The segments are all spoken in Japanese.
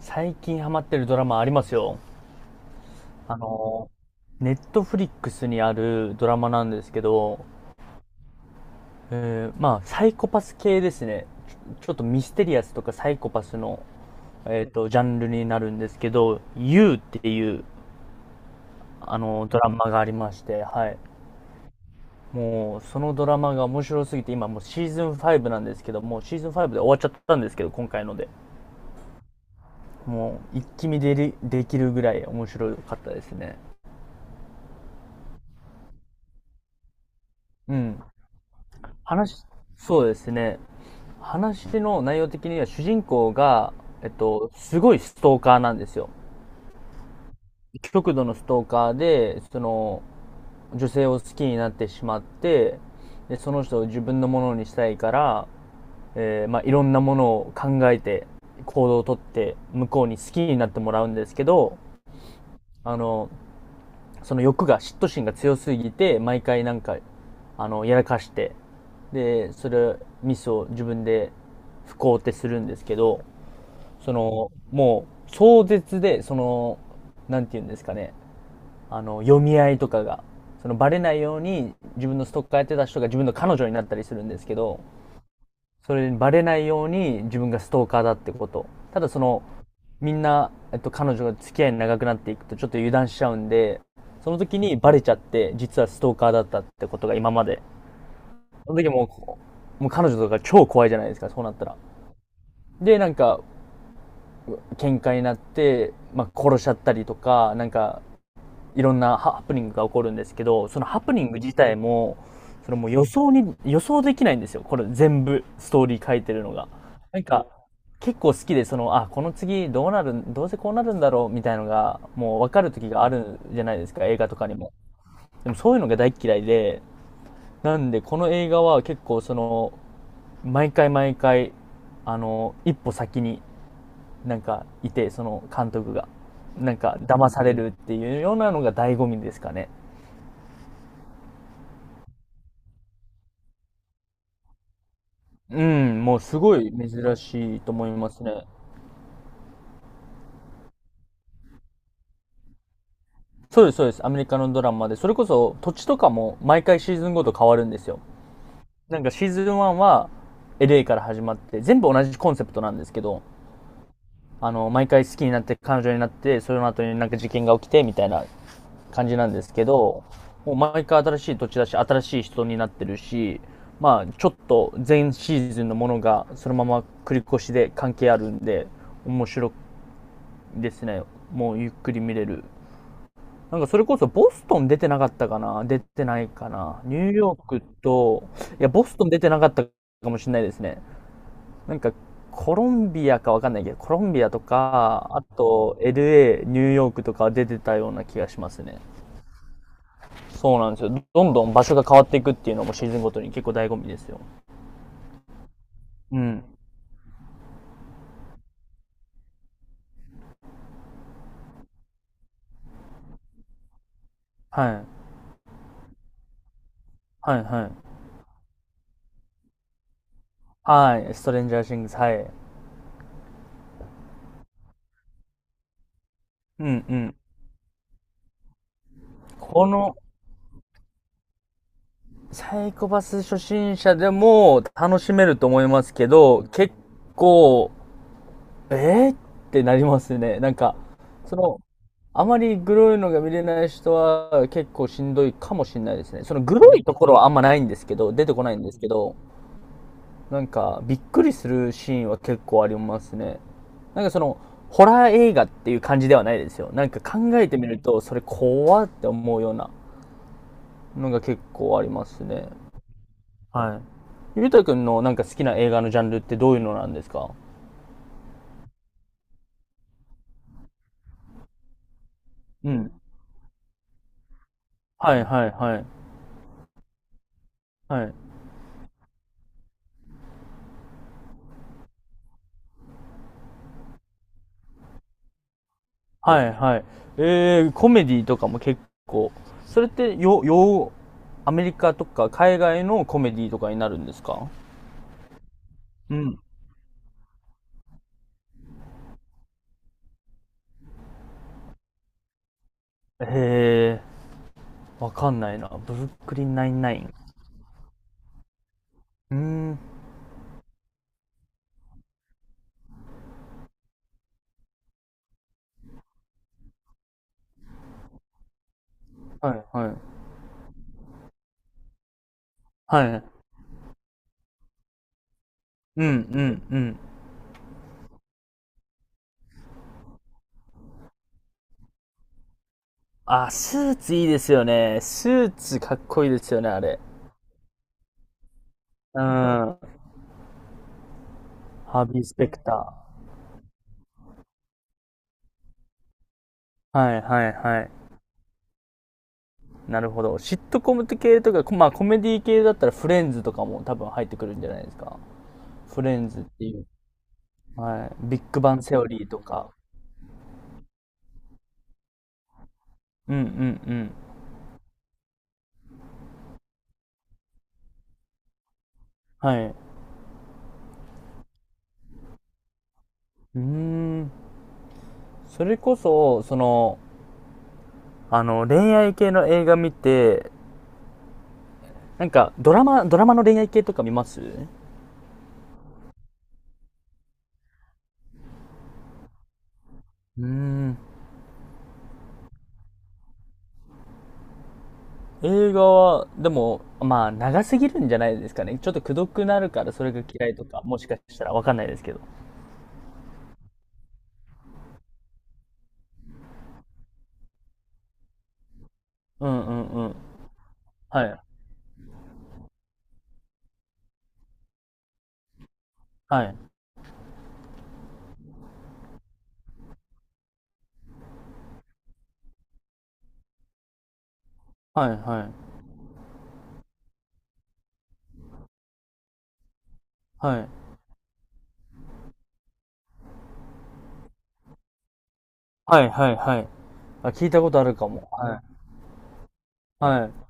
最近ハマってるドラマありますよ。あの、ネットフリックスにあるドラマなんですけど、サイコパス系ですね。ちょっとミステリアスとかサイコパスの、ジャンルになるんですけど、You っていう、ドラマがありまして、はい。もう、そのドラマが面白すぎて、今もうシーズン5なんですけど、もうシーズン5で終わっちゃったんですけど、今回ので。もう、一気見でり、できるぐらい面白かったですね。うん。話、そうですね。話の内容的には主人公が、すごいストーカーなんですよ。極度のストーカーで、その、女性を好きになってしまって、で、その人を自分のものにしたいから、いろんなものを考えて、行動をとって、向こうに好きになってもらうんですけど、あの、その欲が、嫉妬心が強すぎて、毎回なんか、やらかして、で、それ、ミスを自分で不幸ってするんですけど、その、もう、壮絶で、その、なんて言うんですかね、読み合いとかが、その、バレないように、自分のストーカーやってた人が自分の彼女になったりするんですけど、それにバレないように自分がストーカーだってこと。ただその、みんな、彼女が付き合いに長くなっていくとちょっと油断しちゃうんで、その時にバレちゃって、実はストーカーだったってことが今まで。その時もう彼女とか超怖いじゃないですか、そうなったら。で、なんか、喧嘩になって、まあ、殺しちゃったりとか、なんか、いろんなハプニングが起こるんですけど、そのハプニング自体も、それもう予想に、予想できないんですよ。これ全部、ストーリー書いてるのが。なんか、結構好きで、その、あ、この次どうなる、どうせこうなるんだろう、みたいのが、もう分かる時があるじゃないですか、映画とかにも。でもそういうのが大っ嫌いで、なんで、この映画は結構その、毎回毎回、一歩先になんかいて、その監督が。なんか騙されるっていうようなのが醍醐味ですかね。うん、もうすごい珍しいと思いますね。そうです。アメリカのドラマで、それこそ土地とかも毎回シーズンごと変わるんですよ。なんかシーズン1は LA から始まって、全部同じコンセプトなんですけど、毎回好きになって彼女になって、その後になんか事件が起きてみたいな感じなんですけど、もう毎回新しい土地だし、新しい人になってるし、まあ、ちょっと前シーズンのものがそのまま繰り越しで関係あるんで、面白いですね。もうゆっくり見れる。なんかそれこそボストン出てなかったかな出てないかなニューヨークと、いや、ボストン出てなかったかもしれないですね。なんかコロンビアかわかんないけど、コロンビアとか、あと LA、ニューヨークとかは出てたような気がしますね。そうなんですよ。どんどん場所が変わっていくっていうのもシーズンごとに結構醍醐味ですよ。うん。はい。はい、はい。はい。ストレンジャーシングス、はい。うん、うん。この、サイコパス初心者でも楽しめると思いますけど、結構、ってなりますね。なんか、その、あまりグロいのが見れない人は結構しんどいかもしれないですね。そのグロいところはあんまないんですけど、出てこないんですけど、なんか、びっくりするシーンは結構ありますね。なんかその、ホラー映画っていう感じではないですよ。なんか考えてみると、それ怖って思うようなのが結構ありますね。はい。ゆうたくんのなんか好きな映画のジャンルってどういうのなんですか？うん。はいはいはい。はい。はいはい。えコメディとかも結構。それってアメリカとか海外のコメディとかになるんですか？うん。へえ。わかんないな。ブルックリンナインナイン。うーん。はいはい。はい。うんうんうん。あ、スーツいいですよね。スーツかっこいいですよね、あれ。うん。ハービー・スペクター。はいはいはい。なるほど。シットコム系とか、まあコメディ系だったらフレンズとかも多分入ってくるんじゃないですか。フレンズっていう。はい。ビッグバンセオリーとか。うんうんうん。はい。うーん。それこそ、その、恋愛系の映画見て、なんか、ドラマの恋愛系とか見ますうーん。映画は、でも、まあ、長すぎるんじゃないですかね。ちょっとくどくなるからそれが嫌いとか、もしかしたらわかんないですけど。うんうんうん。はい。はい。はいはい。はい。はいはいはい。あ、聞いたことあるかも。はい。はい。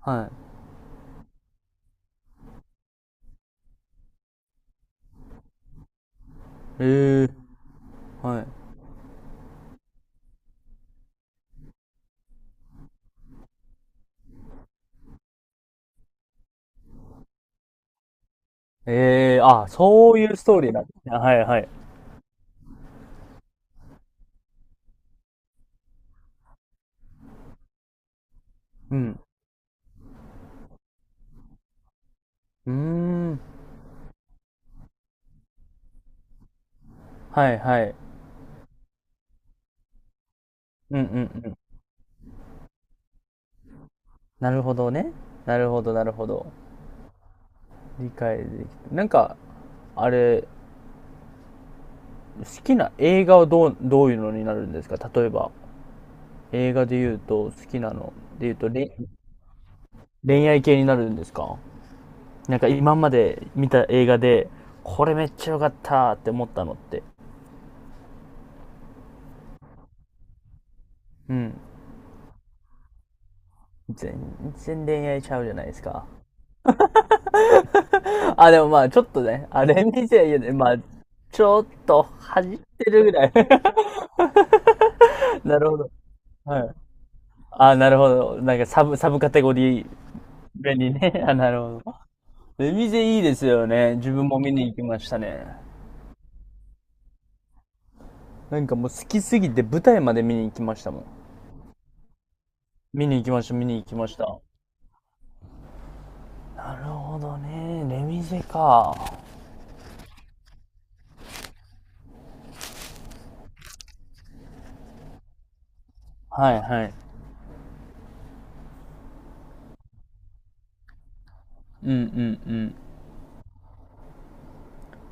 はい。ええはい。ええあ、そういうストーリーなんですね。はいはい。うん。うーん。はいはい。うんうんうん。なるほどね。なるほどなるほど。理解できた。なんか、あれ、好きな映画はどう、どういうのになるんですか？例えば、映画で言うと、好きなので言うと、恋愛系になるんですか？なんか今まで見た映画で、これめっちゃ良かったって思ったのって。うん。全然恋愛ちゃうじゃないですか。あ、でもまあ、ちょっとね、あれ見て、いやねまあ、ちょっと恥じってるぐらい なるほど。はい。あ、なるほど。なんかサブカテゴリー目にね。あ、なるほど。ベビゼいいですよね。自分も見に行きましたね。なんかもう好きすぎて舞台まで見に行きましたもん。見に行きました。なるほどね。レミゼか。はいはい。うんうんうん。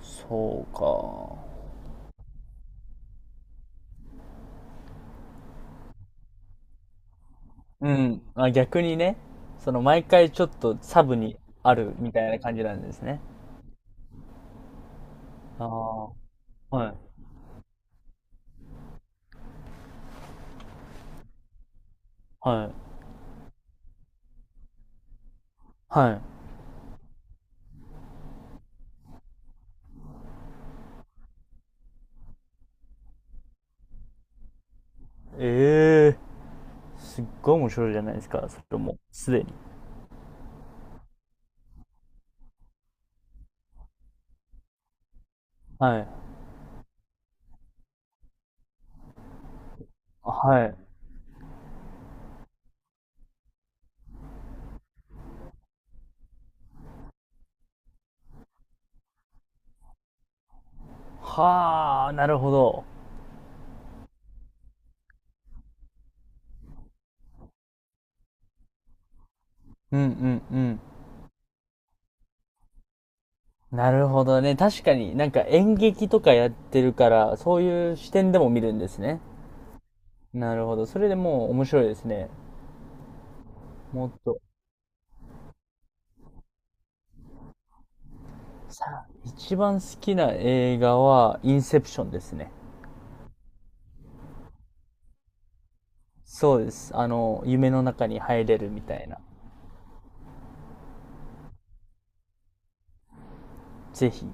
そうか。うん。あ、逆にね、その毎回ちょっとサブにあるみたいな感じなんですね。ああ、い、はい、はい。ええーすっごい面白いじゃないですか、それも、すでに。はい、はい。はあ、なるほど。うんうんうん。なるほどね。確かになんか演劇とかやってるから、そういう視点でも見るんですね。なるほど。それでもう面白いですね。もっと。さあ、一番好きな映画はインセプションですね。そうです。あの、夢の中に入れるみたいな。ぜひ